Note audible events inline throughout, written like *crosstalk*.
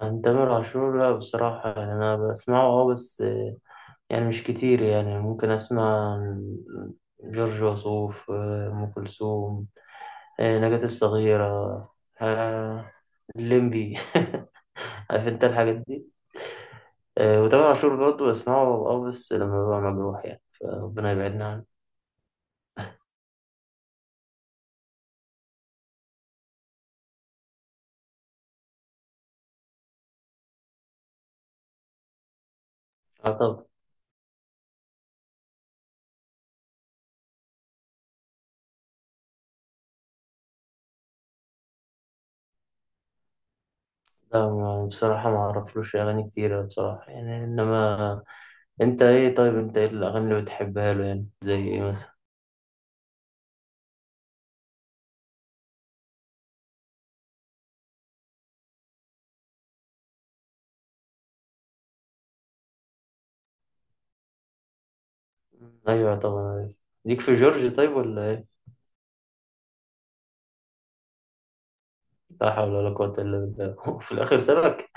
عن تامر عاشور، لا بصراحة، يعني أنا بسمعه بس، يعني مش كتير. يعني ممكن أسمع عن جورج وسوف، أم كلثوم، نجاة الصغيرة، آه، الليمبي. *laughs* عارف أنت الحاجات دي. وتامر عاشور برضه بسمعه بس لما ببقى مجروح، يعني فربنا يبعدنا عنه. طب. لا، بصراحة ما أعرفلوش أغاني كتيرة بصراحة، يعني. إنما أنت إيه الأغاني اللي بتحبها له؟ يعني زي إيه مثلا؟ ايوه طبعا، عارف. ليك في جورج طيب ولا ايه؟ لا حول ولا قوة الا بالله. *laughs* في الاخر سابك.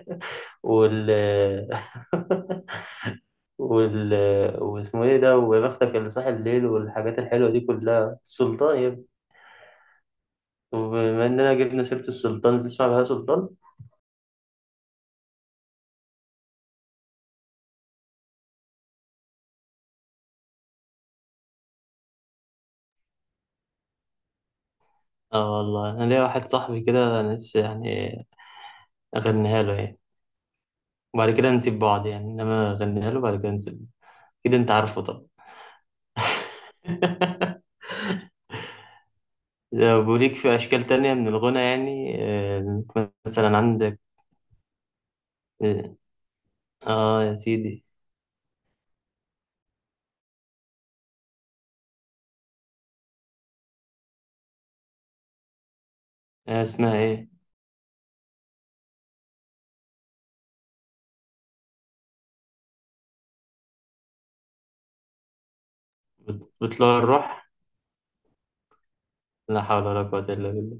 *laughs* وال وال واسمه ايه ده؟ ويا بختك اللي صاحي الليل والحاجات الحلوة دي كلها، السلطان يا ابني. وبما اننا جبنا سيرة السلطان، تسمع بهاء سلطان؟ اه والله انا ليا واحد صاحبي كده، أنا نفسي يعني اغنيها له يعني، وبعد كده نسيب بعض يعني. انما اغنيها له بعد كده نسيب كده، انت عارفه طبعا. *laughs* لو ليك في أشكال تانية من الغنى يعني؟ آه، مثلا عندك. آه. آه يا سيدي. آه، اسمها إيه؟ بتطلع الروح. لا حول ولا قوة إلا بالله.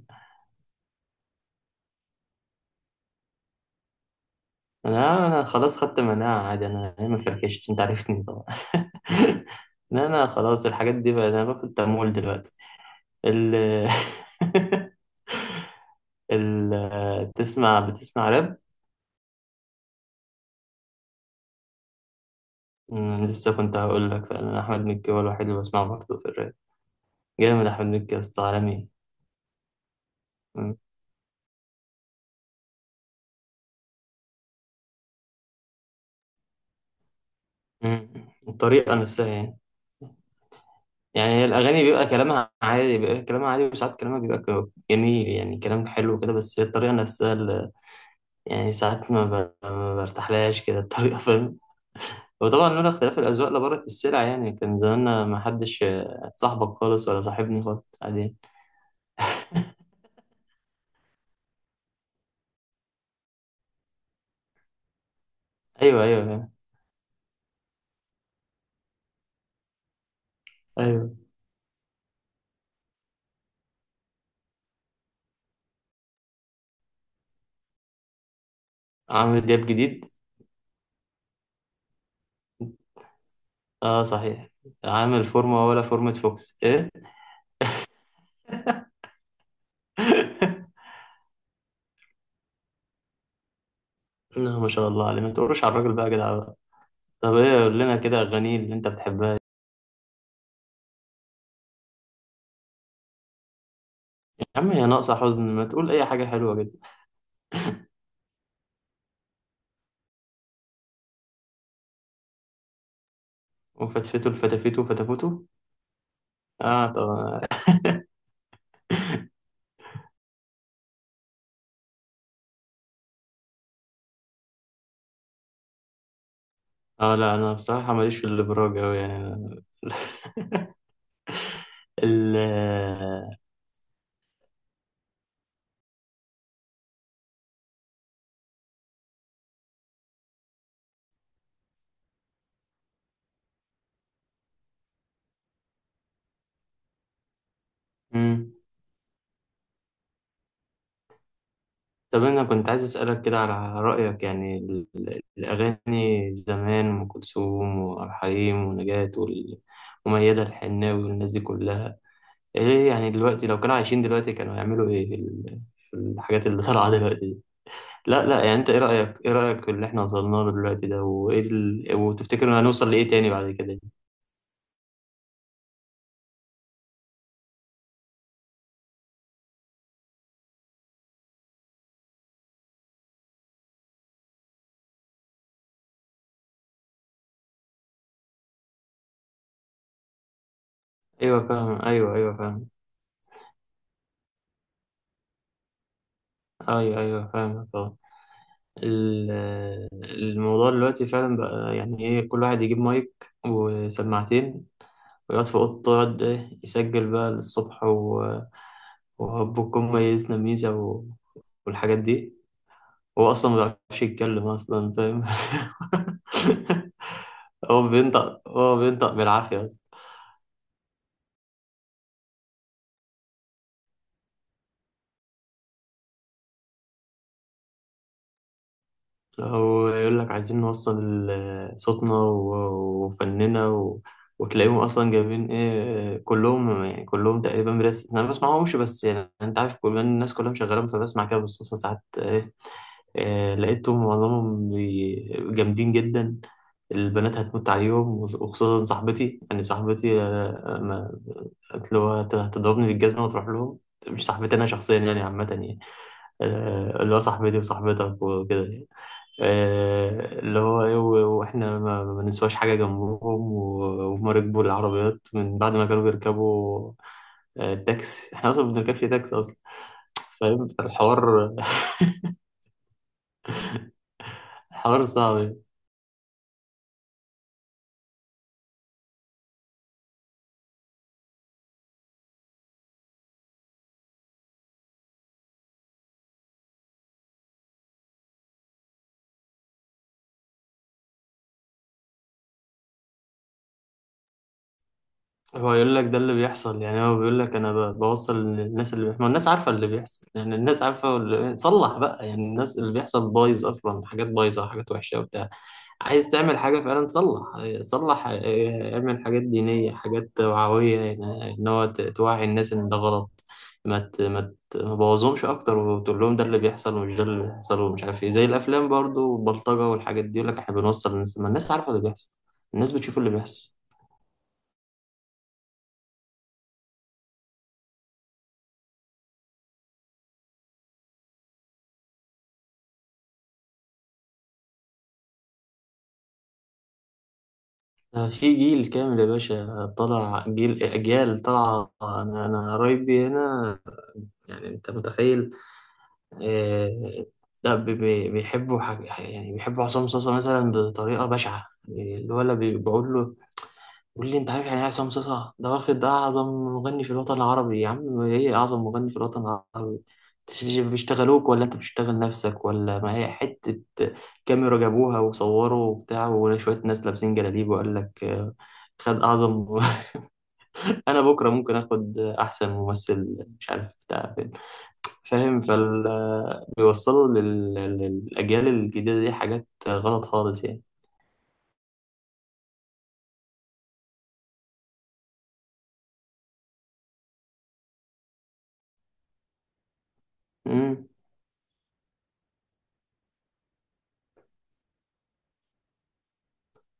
أنا خلاص خدت مناعة، عادي. أنا ما فركشت، أنت عرفتني طبعا. *laughs* لا، أنا خلاص الحاجات دي بقى، أنا باخد تمويل دلوقتي. ال *laughs* ال آه، بتسمع راب؟ لسه كنت هقول لك، أنا أحمد مكي هو الوحيد اللي بسمعه برضه في الراب. جامد أحمد مكي يا أسطى، عالمي. مم. الطريقة نفسها يعني. يعني هي الأغاني بيبقى كلامها عادي، بيبقى كلامها عادي، وساعات كلامها بيبقى جميل، يعني كلام حلو كده، بس هي الطريقة نفسها اللي... يعني ساعات ما برتاحلهاش كده الطريقة. *laughs* فاهم؟ وطبعا لولا اختلاف الأذواق لبارت السلع، يعني كان زماننا ما حدش صاحبك خالص، ولا صاحبني خالص، عادي. أيوه أيوه فاهم. أيوه. عامل دياب جديد. أه صحيح. عامل فورمة ولا فورمة فوكس إيه؟ *laughs* لا، ما شاء الله عليه، ما تقولش على الراجل بقى يا جدع. طب ايه، قول لنا كده اغاني اللي انت بتحبها. يا عم يا ناقصه حزن، ما تقول اي حاجه حلوه جدا. وفتفتو الفتافيتو فتافوتو. اه طب. اه لا، انا بصراحه ماليش في الابراج اوي يعني. *laughs* ال مم. طب انا كنت عايز اسالك كده على رايك، يعني الاغاني زمان، ام كلثوم وعبد الحليم ونجاة وميادة الحناوي والناس دي كلها، ايه يعني؟ دلوقتي لو كانوا عايشين دلوقتي كانوا هيعملوا ايه في في الحاجات اللي طالعه دلوقتي دي؟ لا يعني انت ايه رأيك في اللي احنا وصلنا له دلوقتي ده، وايه وتفتكر إن هنوصل لايه تاني بعد كده يعني؟ ايوه فاهم، ايوه ايوه فاهم. ايوه ايوه فاهم، اه. ال- الموضوع دلوقتي فعلا بقى، يعني ايه، كل واحد يجيب مايك وسماعتين ويقعد في اوضته، يقعد ايه، يسجل بقى للصبح وهبكم ميزنا ميزة والحاجات دي. هو اصلا ما بيعرفش يتكلم اصلا، فاهم؟ *laughs* هو بينطق بالعافية. أو يقول لك عايزين نوصل صوتنا وفننا وتلاقيهم أصلا جايبين إيه كلهم، يعني كلهم تقريبا بلا استثناء. أنا ما بسمعهمش، بس يعني أنت عارف، كل الناس كلها مشغلة، فبسمع كده بالصدفة ساعات إيه لقيتهم معظمهم جامدين جدا. البنات هتموت عليهم، وخصوصا صاحبتي، يعني صاحبتي، ما قالت له هتضربني بالجزمة وتروح لهم. مش صاحبتي أنا شخصيا يعني، عامة يعني، اللي هو صاحبتي وصاحبتك وكده يعني. اللي هو ايه، واحنا ما بنسواش حاجه جنبهم، وهما ركبوا العربيات من بعد ما كانوا بيركبوا التاكسي. احنا اصلا ما بنركبش تاكسي اصلا، فاهم الحوار؟ *laughs* الحوار صعب. هو يقول لك ده اللي بيحصل، يعني هو بيقول لك انا بوصل للناس اللي بيحصل. ما الناس عارفه اللي بيحصل، يعني الناس عارفه صلح بقى. يعني الناس اللي بيحصل بايظ اصلا، حاجات بايظه، حاجات وحشه وبتاع. عايز تعمل حاجه فعلا، صلح. صلح، اعمل حاجات دينيه، حاجات توعويه، يعني ان هو توعي الناس ان ده غلط، ما تبوظهمش اكتر. وتقول لهم ده اللي بيحصل، ومش ده اللي بيحصل، ومش عارف ايه، زي الافلام برضو، والبلطجه والحاجات دي، يقول لك احنا بنوصل للناس. ما الناس عارفه اللي بيحصل. الناس بتشوف اللي بيحصل. في جيل كامل يا باشا طلع، جيل، أجيال طلع. أنا قرايبي هنا، يعني أنت متخيل؟ آه، لا بيحبوا حاجة، يعني بيحبوا عصام صاصا مثلا، بطريقة بشعة. الولد بيقول له قول لي انت عارف يعني ايه عصام صاصا ده؟ واخد ده اعظم مغني في الوطن العربي. يا عم ايه اعظم مغني في الوطن العربي؟ بيشتغلوك ولا انت بتشتغل نفسك، ولا ما هي حتة كاميرا جابوها وصوروا وبتاع، وشوية ناس لابسين جلاليب، وقال لك خد اعظم. *laughs* انا بكرة ممكن اخد احسن ممثل مش عارف بتاع فين. فاهم؟ بيوصلوا للاجيال الجديدة دي حاجات غلط خالص يعني. امم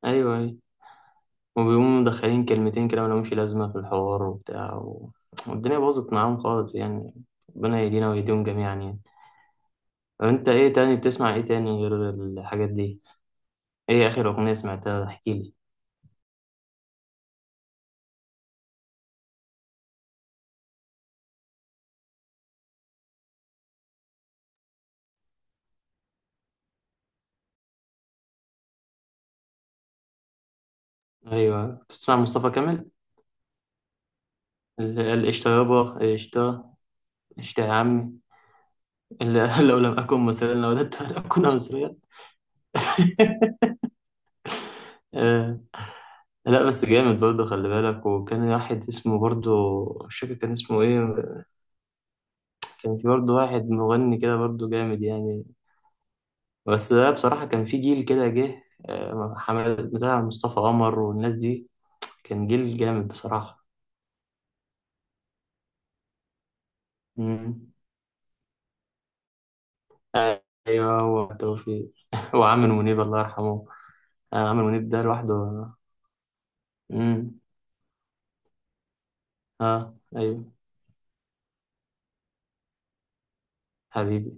ايوه أيوه. وبيقوموا مدخلين كلمتين كده ملهمش لازمة في الحوار وبتاع، والدنيا باظت معاهم خالص يعني. ربنا يهدينا ويهديهم جميعا يعني. طب انت ايه تاني بتسمع، ايه تاني غير الحاجات دي؟ ايه اخر اغنية سمعتها؟ احكيلي. ايوه بتسمع مصطفى كامل؟ قشطة يابا، قشطة. قشطة يا عمي. *laughs* لو لم أكن مصريا لوددت أن أكون مصريا. *laughs* آه، لا بس جامد برضه، خلي بالك. وكان واحد اسمه برضه، مش فاكر كان اسمه ايه. كان في برضه واحد مغني كده برضه جامد يعني، بس ده بصراحة كان في جيل كده جه. حمد بتاع مصطفى قمر والناس دي، كان جيل جامد بصراحة. مم. أيوه، هو توفيق. *laughs* وعامر منيب الله يرحمه. عامر منيب ده لوحده. مم. اه أيوه حبيبي.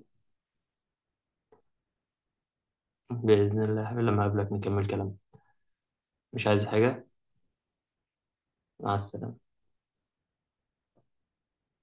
بإذن الله لما أقابلك نكمل كلام. مش عايز حاجة. مع السلامة.